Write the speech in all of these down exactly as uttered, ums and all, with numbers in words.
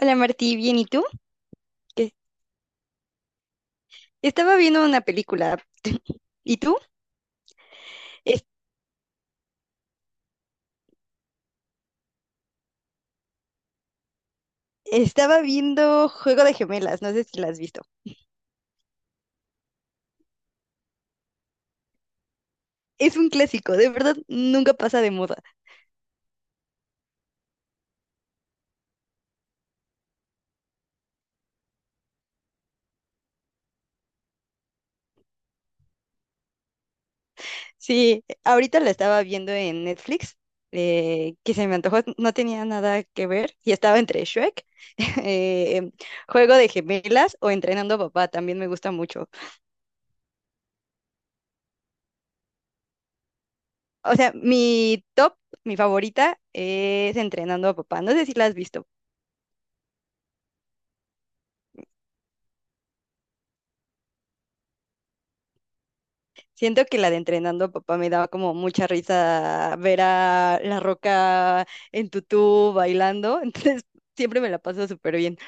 Hola Martí, bien, ¿y tú? ¿Qué? Estaba viendo una película. ¿Y tú? Es- Estaba viendo Juego de Gemelas, no sé si la has visto. Es un clásico, de verdad, nunca pasa de moda. Sí, ahorita la estaba viendo en Netflix, eh, que se me antojó, no tenía nada que ver, y estaba entre Shrek, eh, Juego de Gemelas o Entrenando a Papá, también me gusta mucho. O sea, mi top, mi favorita es Entrenando a Papá, no sé si la has visto. Siento que la de entrenando a papá me daba como mucha risa ver a La Roca en tutú bailando, entonces siempre me la paso súper bien.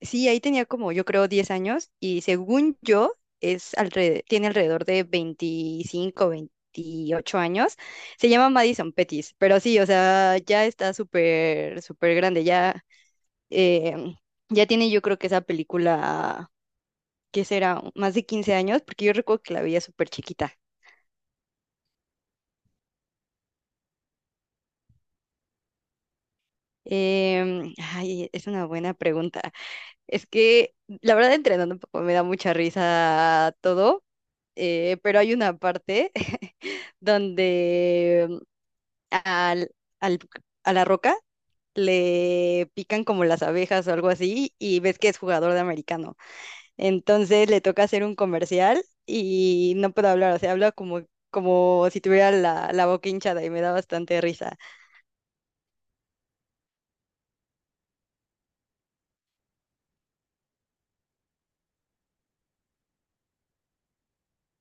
Sí, ahí tenía como yo creo diez años y según yo es alre- tiene alrededor de veinticinco, veintiocho años. Se llama Madison Pettis, pero sí, o sea, ya está súper, súper grande, ya, em, ya tiene yo creo que esa película, ¿qué será? Más de quince años, porque yo recuerdo que la veía súper chiquita. Em, ay, es una buena pregunta. Es que la verdad entrenando un poco me da mucha risa todo, eh, pero hay una parte donde mm, al, al- a la roca le pican como las abejas o algo así y ves que es jugador de americano. Entonces le toca hacer un comercial y no puede hablar, o sea, habla como, como si tuviera la, la boca hinchada y me da bastante risa.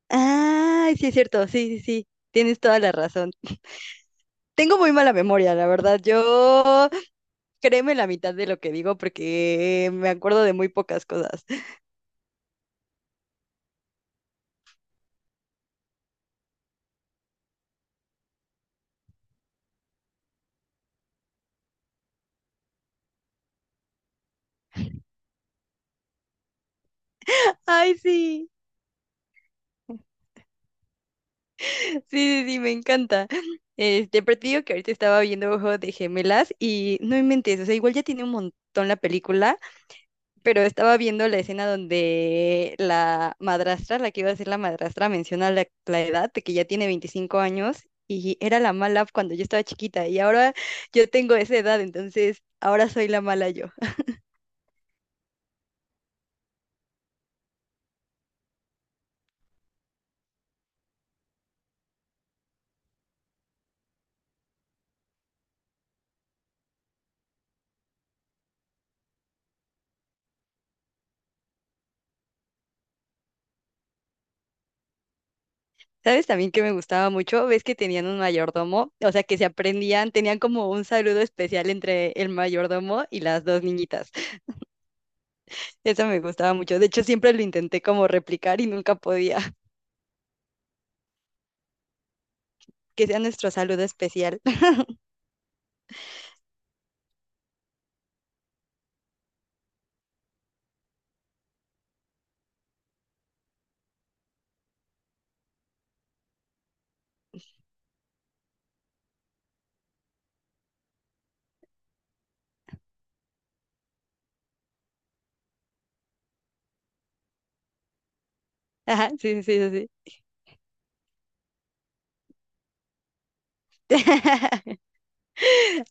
Ah, sí es cierto, sí, sí, sí, tienes toda la razón. Tengo muy mala memoria, la verdad. Yo créeme la mitad de lo que digo porque me acuerdo de muy pocas cosas. Ay, sí, sí, sí, sí, me encanta. Este, pero te digo que ahorita estaba viendo Ojo de Gemelas y no inventes, o sea, igual ya tiene un montón la película, pero estaba viendo la escena donde la madrastra, la que iba a ser la madrastra, menciona la, la edad de que ya tiene veinticinco años y era la mala cuando yo estaba chiquita y ahora yo tengo esa edad, entonces ahora soy la mala yo. ¿Sabes también que me gustaba mucho? Ves que tenían un mayordomo, o sea, que se aprendían, tenían como un saludo especial entre el mayordomo y las dos niñitas. Eso me gustaba mucho. De hecho, siempre lo intenté como replicar y nunca podía. Que sea nuestro saludo especial. Ajá, sí, sí, sí. Sí.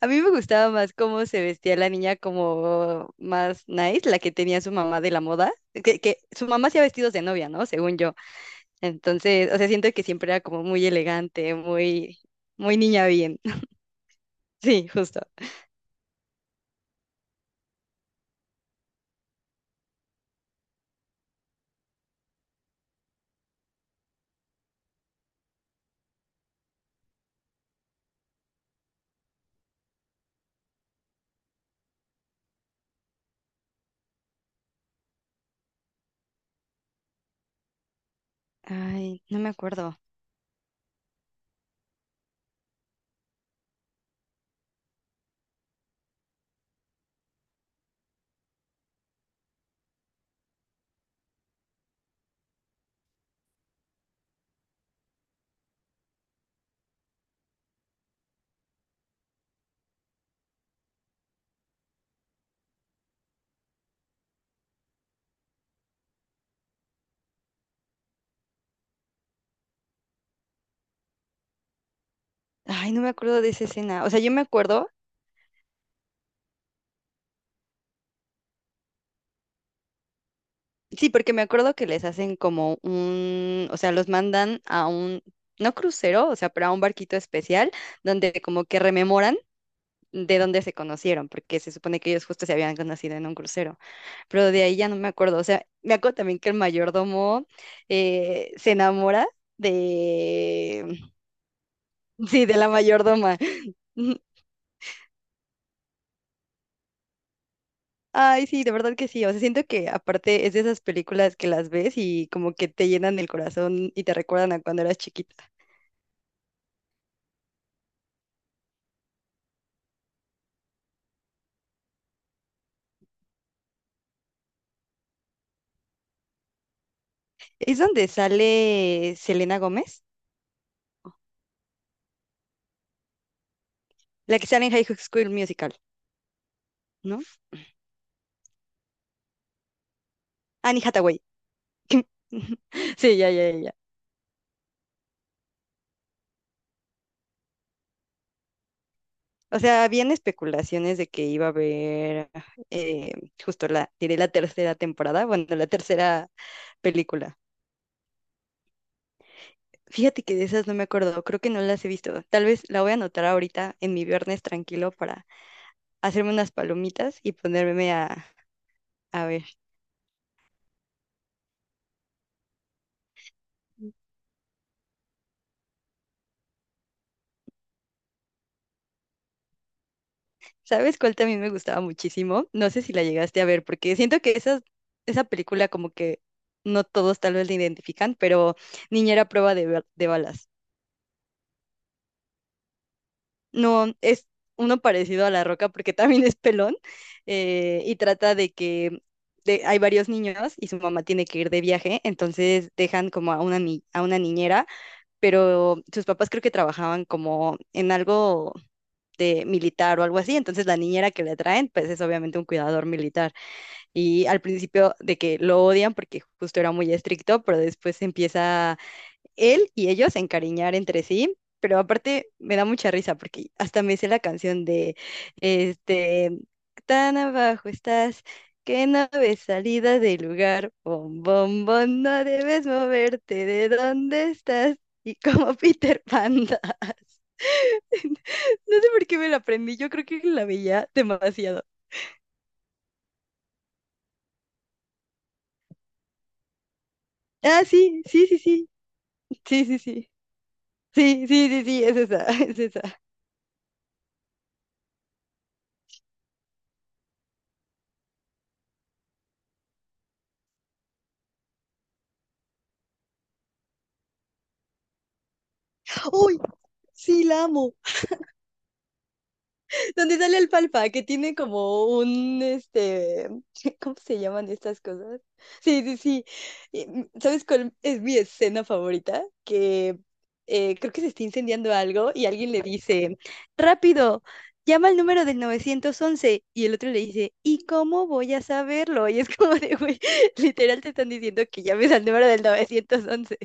A mí me gustaba más cómo se vestía la niña como más nice, la que tenía su mamá de la moda, que, que su mamá hacía vestidos de novia, ¿no? Según yo. Entonces, o sea, siento que siempre era como muy elegante, muy, muy niña bien. Sí, justo. Ay, no me acuerdo. Ay, no me acuerdo de esa escena. O sea, yo me acuerdo, sí, porque me acuerdo que les hacen como un, o sea, los mandan a un, no crucero, o sea, pero a un barquito especial donde como que rememoran de dónde se conocieron, porque se supone que ellos justo se habían conocido en un crucero. Pero de ahí ya no me acuerdo. O sea, me acuerdo también que el mayordomo eh, se enamora de, sí, de la mayordoma. Ay, sí, de verdad que sí. O sea, siento que aparte es de esas películas que las ves y como que te llenan el corazón y te recuerdan a cuando eras chiquita. Es donde sale Selena Gómez, la que sale en High School Musical, ¿no? Annie Hathaway. Sí, ya, ya, ya, ya. O sea, habían especulaciones de que iba a haber eh, justo la, diré la tercera temporada, bueno, la tercera película. Fíjate que de esas no me acuerdo, creo que no las he visto. Tal vez la voy a anotar ahorita en mi viernes tranquilo para hacerme unas palomitas y ponerme a, a ver. ¿Sabes cuál también me gustaba muchísimo? No sé si la llegaste a ver, porque siento que esa, esa película como que no todos tal vez la identifican, pero Niñera a prueba de, ba- de balas. No, es uno parecido a La Roca porque también es pelón eh, y trata de que de- hay varios niños y su mamá tiene que ir de viaje, entonces dejan como a una, ni- a una niñera, pero sus papás creo que trabajaban como en algo de militar o algo así, entonces la niñera que le traen, pues es obviamente un cuidador militar. Y al principio de que lo odian porque justo era muy estricto, pero después empieza él y ellos a encariñar entre sí. Pero aparte me da mucha risa porque hasta me hice la canción de, este, tan abajo estás, que no ves salida del lugar, bom, bom, bom, no debes moverte de donde estás, y como Peter Pan das. No sé por qué me la aprendí, yo creo que la veía demasiado. Ah, sí, sí, sí, sí, sí, sí, sí. Sí, sí, sí, sí, es esa, es esa. ¡Uy! Sí, la amo. Donde sale el palpa, que tiene como un, este, ¿cómo se llaman estas cosas? Sí, sí, sí. Y, mm, ¿sabes cuál es mi escena favorita? Que eh, creo que se está incendiando algo y alguien le dice, rápido, llama al número del novecientos once y el otro le dice, ¿y cómo voy a saberlo? Y es como de, güey, literal te están diciendo que llames al número del novecientos once.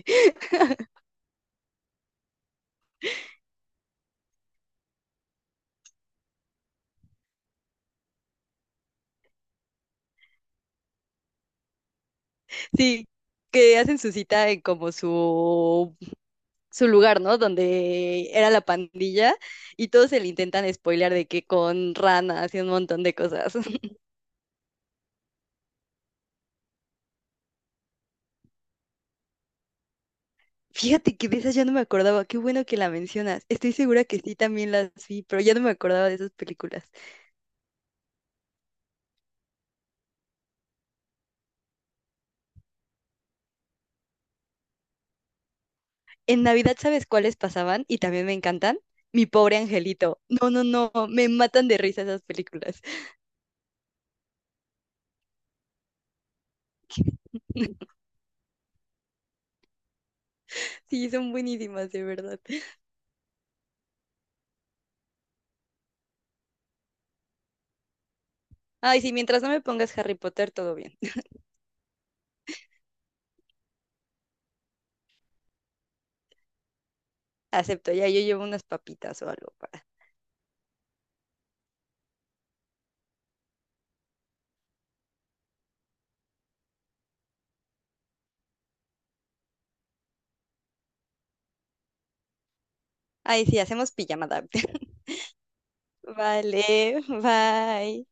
Sí, que hacen su cita en como su su lugar, ¿no? Donde era la pandilla y todos se le intentan spoilear de que con ranas y un montón de cosas. Fíjate que de esas ya no me acordaba, qué bueno que la mencionas. Estoy segura que sí también las vi, pero ya no me acordaba de esas películas. En Navidad, ¿sabes cuáles pasaban? Y también me encantan. Mi pobre angelito. No, no, no, me matan de risa esas películas. Sí, son buenísimas, de verdad. Ay, sí, mientras no me pongas Harry Potter, todo bien. Acepto, ya yo llevo unas papitas o algo para. Ay, sí, hacemos pijamada. Vale, bye.